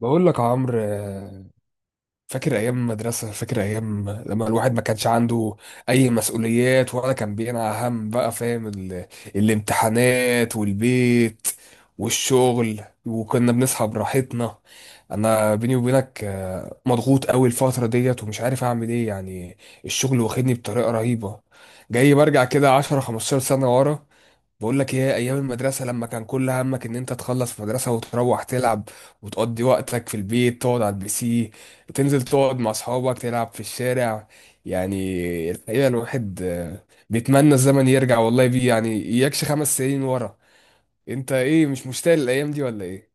بقول لك يا عمرو، فاكر ايام المدرسه، فاكر ايام لما الواحد ما كانش عنده اي مسؤوليات ولا كان بينا هم؟ بقى فاهم الامتحانات والبيت والشغل، وكنا بنصحى براحتنا. انا بيني وبينك، مضغوط قوي الفتره ديت ومش عارف اعمل ايه، يعني الشغل واخدني بطريقه رهيبه. جاي برجع كده 10 15 سنه ورا. بقول لك ايه؟ ايام المدرسه لما كان كل همك ان انت تخلص مدرسه وتروح تلعب، وتقضي وقتك في البيت، تقعد على PC، تنزل تقعد مع اصحابك تلعب في الشارع. يعني الحقيقه الواحد بيتمنى الزمن يرجع، والله بيه يعني اياكش 5 سنين ورا. انت ايه، مش مشتاق للايام دي ولا ايه؟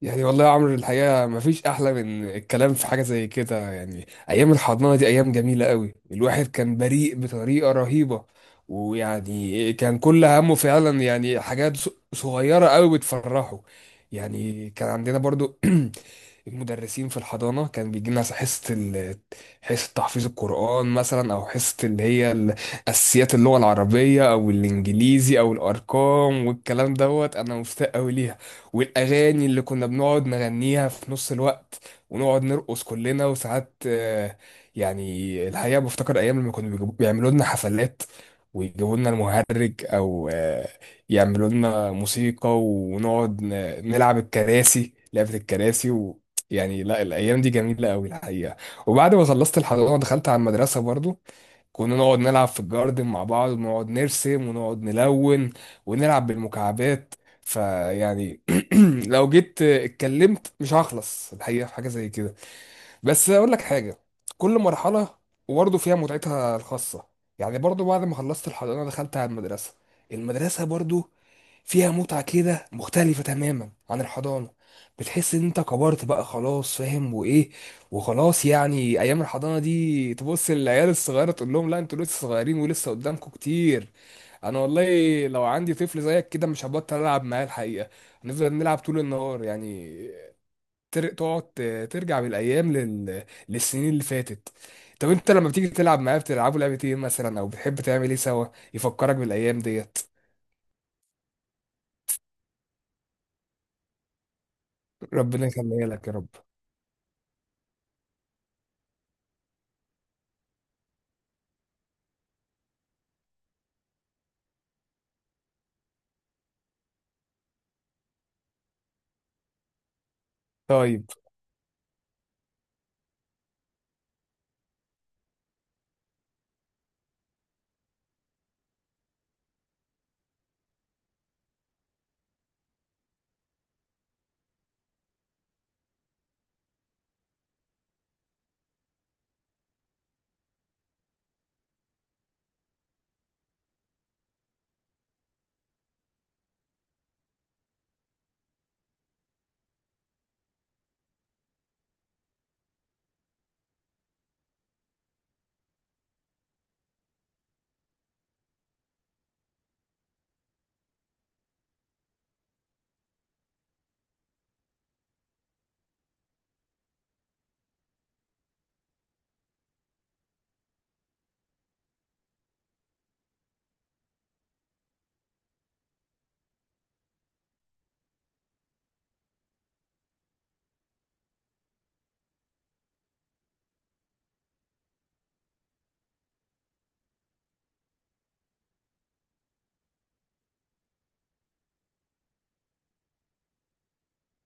يعني والله يا عمرو، الحقيقة مفيش أحلى من الكلام في حاجة زي كده. يعني أيام الحضانة دي أيام جميلة قوي، الواحد كان بريء بطريقة رهيبة. ويعني كان كل همه فعلا يعني حاجات صغيرة قوي بتفرحه. يعني كان عندنا برضو المدرسين في الحضانة كان بيجي لنا حصة حصة تحفيظ القرآن مثلا، أو حصة اللي هي أساسيات اللغة العربية أو الإنجليزي أو الأرقام والكلام دوت. أنا مشتاق أوي ليها، والأغاني اللي كنا بنقعد نغنيها في نص الوقت، ونقعد نرقص كلنا. وساعات يعني الحقيقة بفتكر أيام لما كانوا بيعملوا لنا حفلات، ويجيبوا لنا المهرج، أو يعملوا لنا موسيقى، ونقعد نلعب الكراسي، لعبة الكراسي. يعني لا، الايام دي جميله قوي الحقيقه. وبعد ما خلصت الحضانه دخلت على المدرسه برضو، كنا نقعد نلعب في الجاردن مع بعض، ونقعد نرسم، ونقعد نلون، ونلعب بالمكعبات. فيعني لو جيت اتكلمت مش هخلص الحقيقه في حاجه زي كده. بس اقول لك حاجه، كل مرحله وبرضه فيها متعتها الخاصه. يعني برضه بعد ما خلصت الحضانه دخلت على المدرسه، المدرسه برضه فيها متعه كده مختلفه تماما عن الحضانه. بتحس ان انت كبرت بقى خلاص، فاهم وايه. وخلاص يعني ايام الحضانه دي تبص للعيال الصغيره تقول لهم لا، انتوا لسه صغيرين ولسه قدامكم كتير. انا والله لو عندي طفل زيك كده مش هبطل العب معاه الحقيقه، هنفضل نلعب طول النهار يعني. تقعد ترجع بالايام للسنين اللي فاتت. طب انت لما بتيجي تلعب معاه بتلعبوا لعبة ايه مثلا، او بتحب تعمل ايه سوا يفكرك بالايام ديت؟ ربنا يخليها لك يا رب. طيب.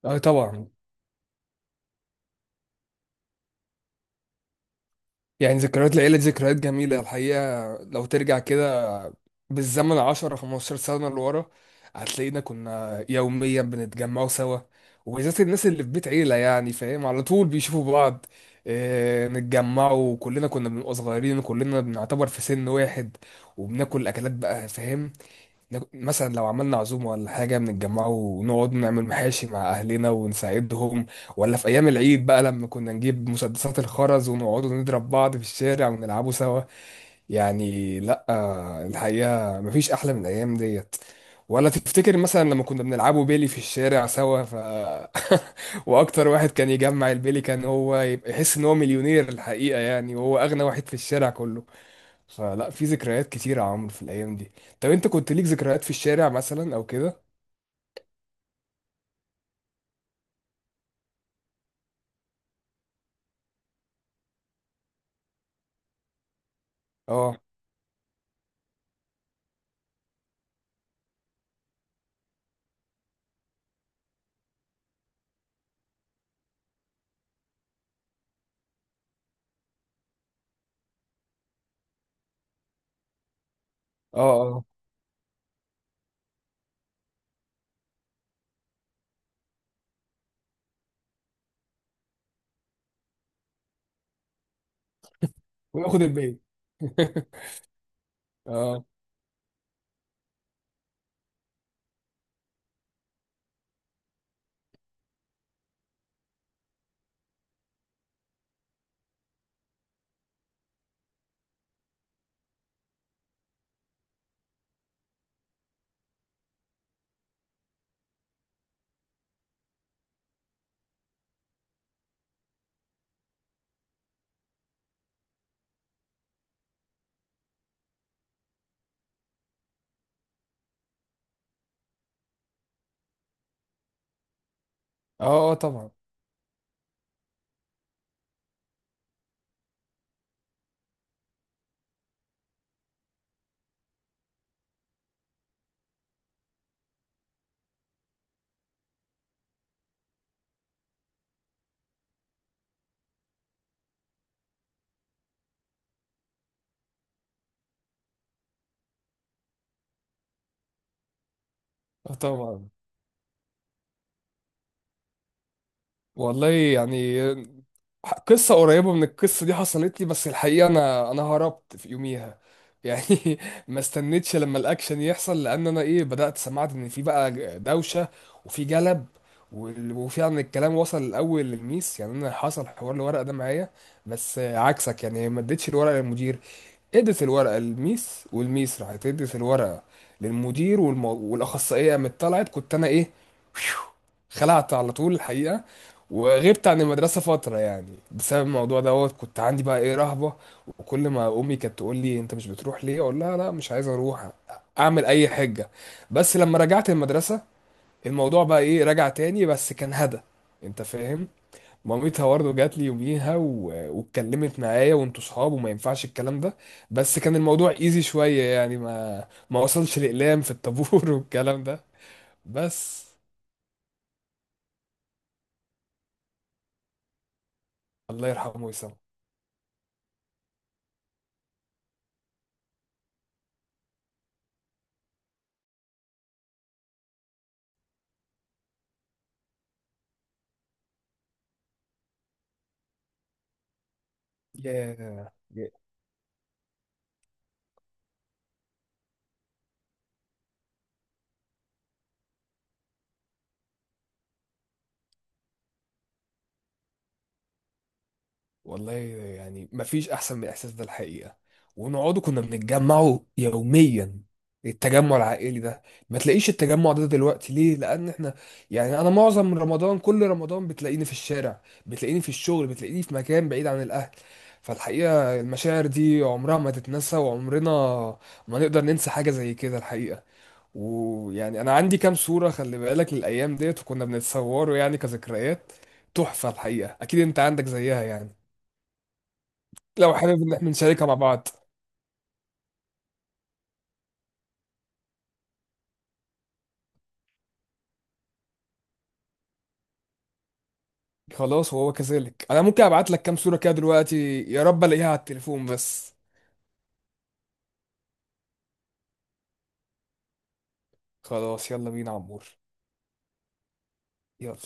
اه، طبعا. يعني ذكريات العيلة دي ذكريات جميلة الحقيقة. لو ترجع كده بالزمن 10 15 سنة لورا، هتلاقينا كنا يوميا بنتجمعوا سوا، وبالذات الناس اللي في بيت عيلة يعني فاهم، على طول بيشوفوا بعض. نتجمعوا كلنا كنا بنبقى صغيرين، وكلنا بنعتبر في سن واحد، وبناكل أكلات بقى فاهم. مثلا لو عملنا عزومة ولا حاجة بنتجمعوا ونقعد نعمل محاشي مع أهلنا ونساعدهم. ولا في أيام العيد بقى لما كنا نجيب مسدسات الخرز ونقعدوا نضرب بعض في الشارع ونلعبوا سوا. يعني لا، الحقيقة مفيش أحلى من الأيام ديت. ولا تفتكر مثلا لما كنا بنلعبوا بيلي في الشارع سوا؟ ف وأكتر واحد كان يجمع البيلي كان هو يبقى يحس إن هو مليونير الحقيقة، يعني وهو أغنى واحد في الشارع كله. فلا، في ذكريات كتيرة يا عمرو في الأيام دي. طب أنت كنت ليك ذكريات في الشارع مثلا أو كده؟ أه، أه، أه. وناخد البيلي. اه، اه. آه طبعا. آه طبعا، والله يعني قصة قريبة من القصة دي حصلت لي. بس الحقيقة أنا هربت في يوميها يعني. ما استنيتش لما الأكشن يحصل، لأن أنا إيه، بدأت سمعت إن في بقى دوشة، وفي جلب وفعلا الكلام وصل الأول للميس. يعني أنا حصل حوار الورقة ده معايا، بس عكسك. يعني ما اديتش الورقة للمدير، ادت الورقة للميس، والميس راحت ادت الورقة للمدير، والأخصائية قامت طلعت. كنت أنا إيه، خلعت على طول الحقيقة. وغبت عن المدرسة فترة يعني بسبب الموضوع دوت، كنت عندي بقى ايه، رهبة. وكل ما امي كانت تقول لي انت مش بتروح ليه، اقول لها لا مش عايز اروح، اعمل اي حجة. بس لما رجعت المدرسة الموضوع بقى ايه، رجع تاني بس كان هدى، انت فاهم. مامتها برضه جات لي يوميها واتكلمت معايا، وانتوا صحاب وما ينفعش الكلام ده. بس كان الموضوع ايزي شوية، يعني ما وصلش لإقلام في الطابور والكلام ده بس. الله يرحمه ويسامحه. ياه ياه. والله يعني مفيش احسن من الاحساس ده الحقيقه. ونقعدوا كنا بنتجمعوا يوميا، التجمع العائلي ده ما تلاقيش التجمع ده دلوقتي. ليه؟ لان احنا يعني انا معظم رمضان، كل رمضان بتلاقيني في الشارع، بتلاقيني في الشغل، بتلاقيني في مكان بعيد عن الاهل. فالحقيقه المشاعر دي عمرها ما تتنسى، وعمرنا ما نقدر ننسى حاجه زي كده الحقيقه. ويعني انا عندي كام صوره، خلي بالك، للايام ديت وكنا بنتصوروا يعني كذكريات تحفة الحقيقة. أكيد أنت عندك زيها يعني، لو حابب إن إحنا نشاركها مع بعض. خلاص، وهو كذلك. أنا ممكن أبعت لك كام صورة كده دلوقتي، يا رب ألاقيها على التليفون بس. خلاص يلا بينا يا عمور. يلا.